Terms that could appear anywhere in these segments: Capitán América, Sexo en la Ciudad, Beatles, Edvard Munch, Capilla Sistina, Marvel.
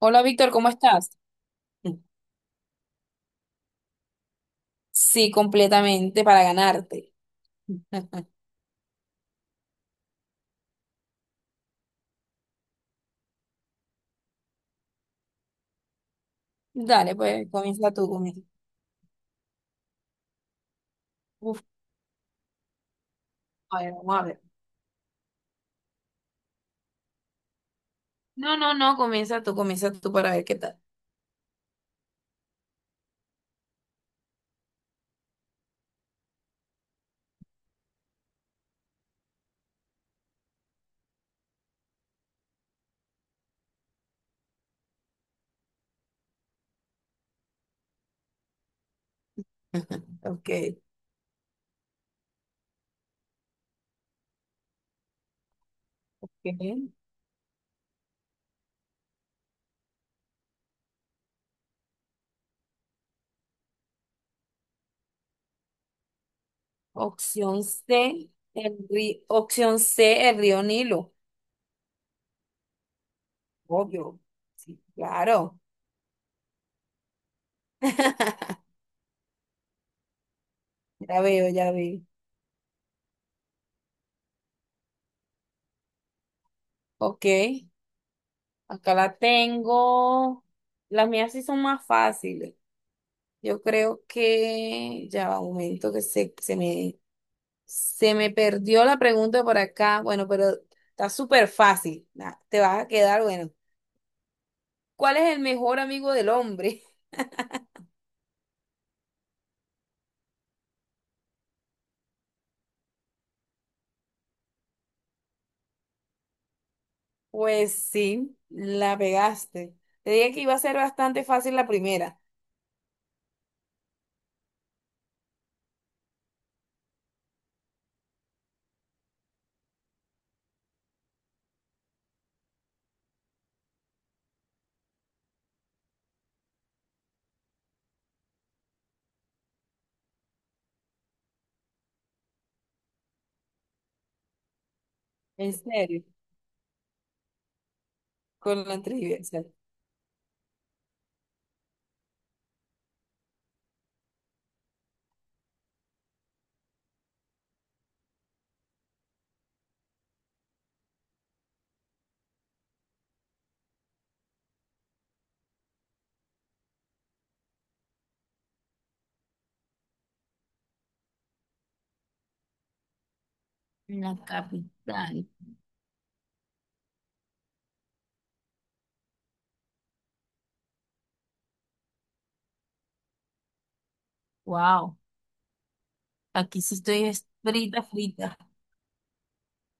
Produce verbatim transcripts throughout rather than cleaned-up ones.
Hola Víctor, ¿cómo estás? Sí, completamente para ganarte. Dale, pues comienza tú, comienza. Uf, a ver, vamos a ver. No, no, no, comienza tú, comienza tú para ver qué tal. Ok. Ok. Opción C, el río, opción C, el río Nilo. Obvio. Sí, claro. Ya veo, ya veo. Ok, acá la tengo. Las mías sí son más fáciles. Yo creo que ya va un momento que se, se me, se me perdió la pregunta por acá. Bueno, pero está súper fácil. Nah, te vas a quedar, bueno. ¿Cuál es el mejor amigo del hombre? Pues sí, la pegaste. Te dije que iba a ser bastante fácil la primera. En serio, con la trivia, o sea. En la capital. Wow. Aquí sí estoy es frita, frita.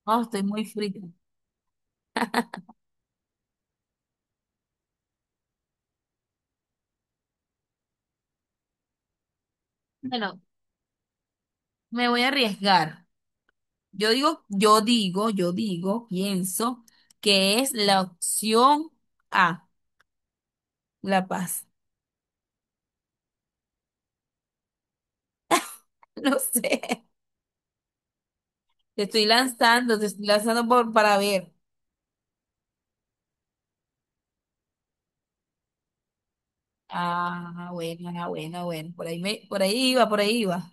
Oh, estoy muy frita. Bueno, me voy a arriesgar. Yo digo, yo digo, yo digo, pienso que es la opción A, La Paz. No sé. Te estoy lanzando, te estoy lanzando por, para ver. Ah, bueno, ah, bueno, bueno. Por ahí me, por ahí iba, por ahí iba.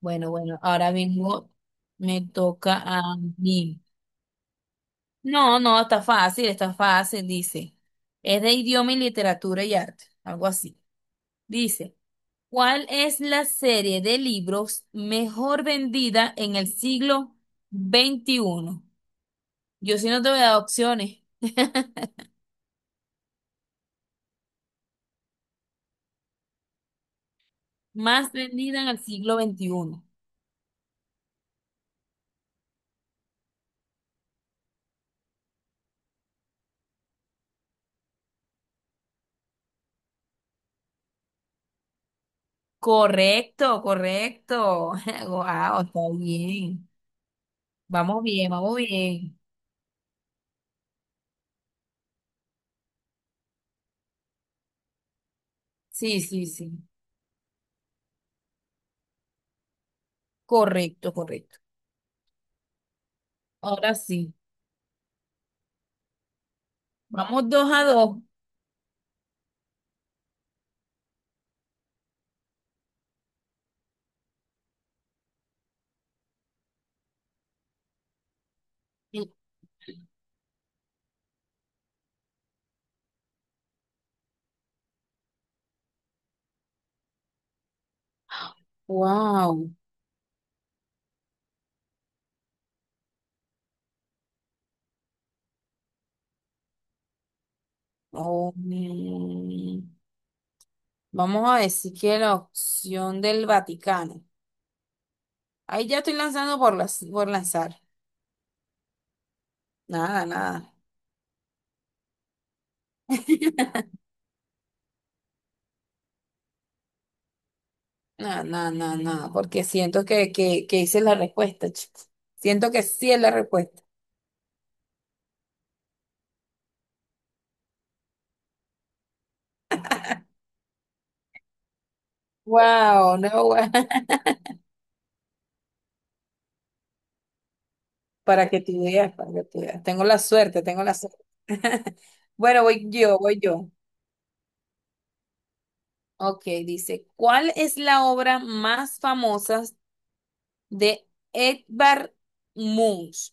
Bueno, bueno, ahora mismo me toca a mí. No, no, está fácil, está fácil, dice. Es de idioma y literatura y arte, algo así. Dice, ¿cuál es la serie de libros mejor vendida en el siglo veintiuno? Yo sí no te voy a dar opciones. Más vendida en el siglo veintiuno. Correcto, correcto. Wow, está bien. Vamos bien, vamos bien. Sí, sí, sí. Correcto, correcto. Ahora sí. Vamos dos a dos. Wow. Oh, man. Vamos a decir que la opción del Vaticano. Ahí ya estoy lanzando por, las, por lanzar. Nada, nada. Nada, nada, nada, nada. Porque siento que, que, que hice la respuesta, chicos. Siento que sí es la respuesta. Wow, no, guau. Para que tú veas, para que tú veas. Tengo la suerte, tengo la suerte. Bueno, voy yo, voy yo. Ok, dice, ¿cuál es la obra más famosa de Edvard Munch?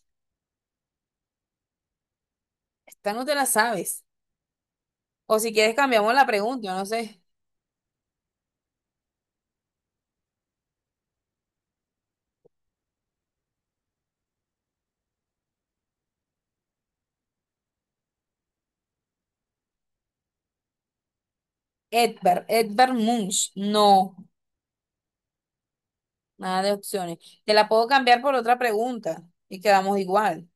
Esta no te la sabes. O si quieres cambiamos la pregunta, no sé. Edvard, Edvard Munch. No, nada de opciones. Te la puedo cambiar por otra pregunta y quedamos igual.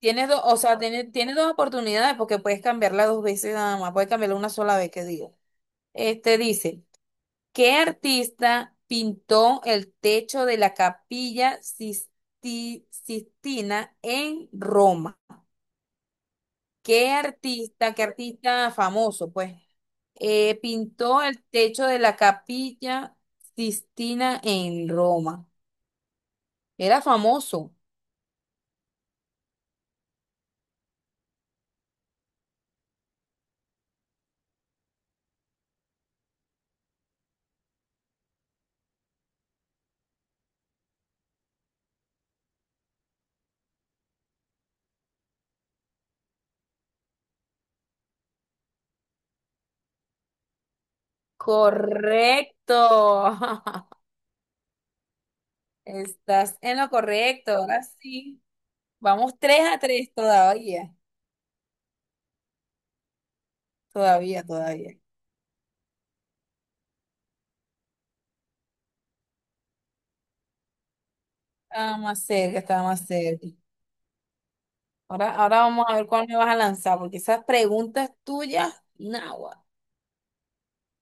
Tienes dos, o sea, tienes, tienes dos oportunidades porque puedes cambiarla dos veces nada más. Puedes cambiarla una sola vez, que digo. Este dice, ¿qué artista pintó el techo de la Capilla Sisti- Sistina en Roma? ¿Qué artista, qué artista famoso, pues, eh, pintó el techo de la Capilla Sistina en Roma? Era famoso. Correcto. Estás en lo correcto. Ahora sí. Vamos tres a tres todavía. Todavía, todavía. Estaba más cerca, estaba más cerca. Ahora, ahora vamos a ver cuál me vas a lanzar, porque esas preguntas tuyas, nagua.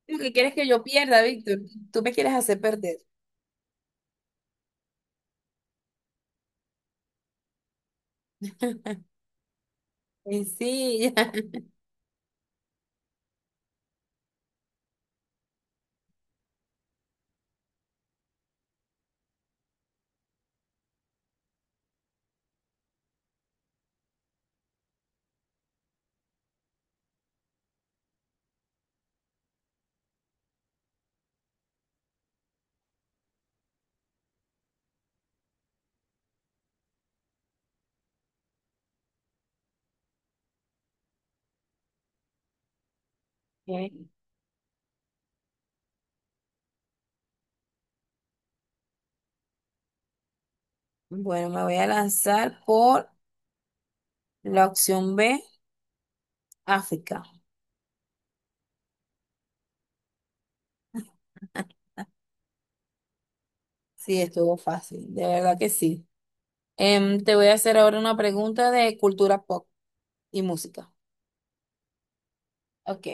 Lo que quieres que yo pierda, Víctor. Tú me quieres hacer perder. Y sí, ya. Ok. Bueno, me voy a lanzar por la opción B, África. Sí, estuvo fácil, de verdad que sí. Em, te voy a hacer ahora una pregunta de cultura pop y música. Ok.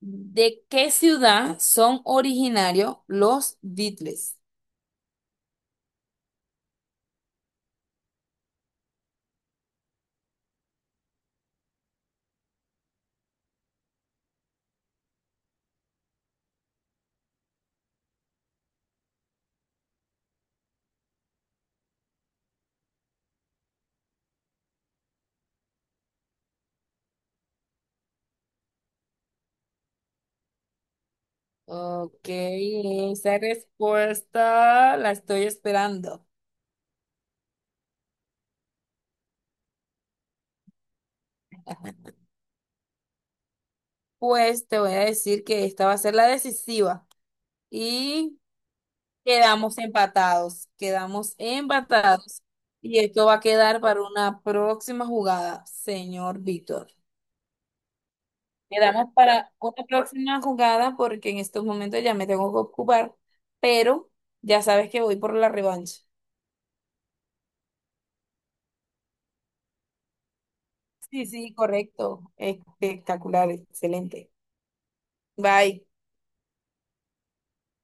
¿De qué ciudad son originarios los Beatles? Ok, esa respuesta la estoy esperando. Pues te voy a decir que esta va a ser la decisiva. Y quedamos empatados, quedamos empatados. Y esto va a quedar para una próxima jugada, señor Víctor. Quedamos para una próxima jugada porque en estos momentos ya me tengo que ocupar, pero ya sabes que voy por la revancha. Sí, sí, correcto. Espectacular, excelente. Bye.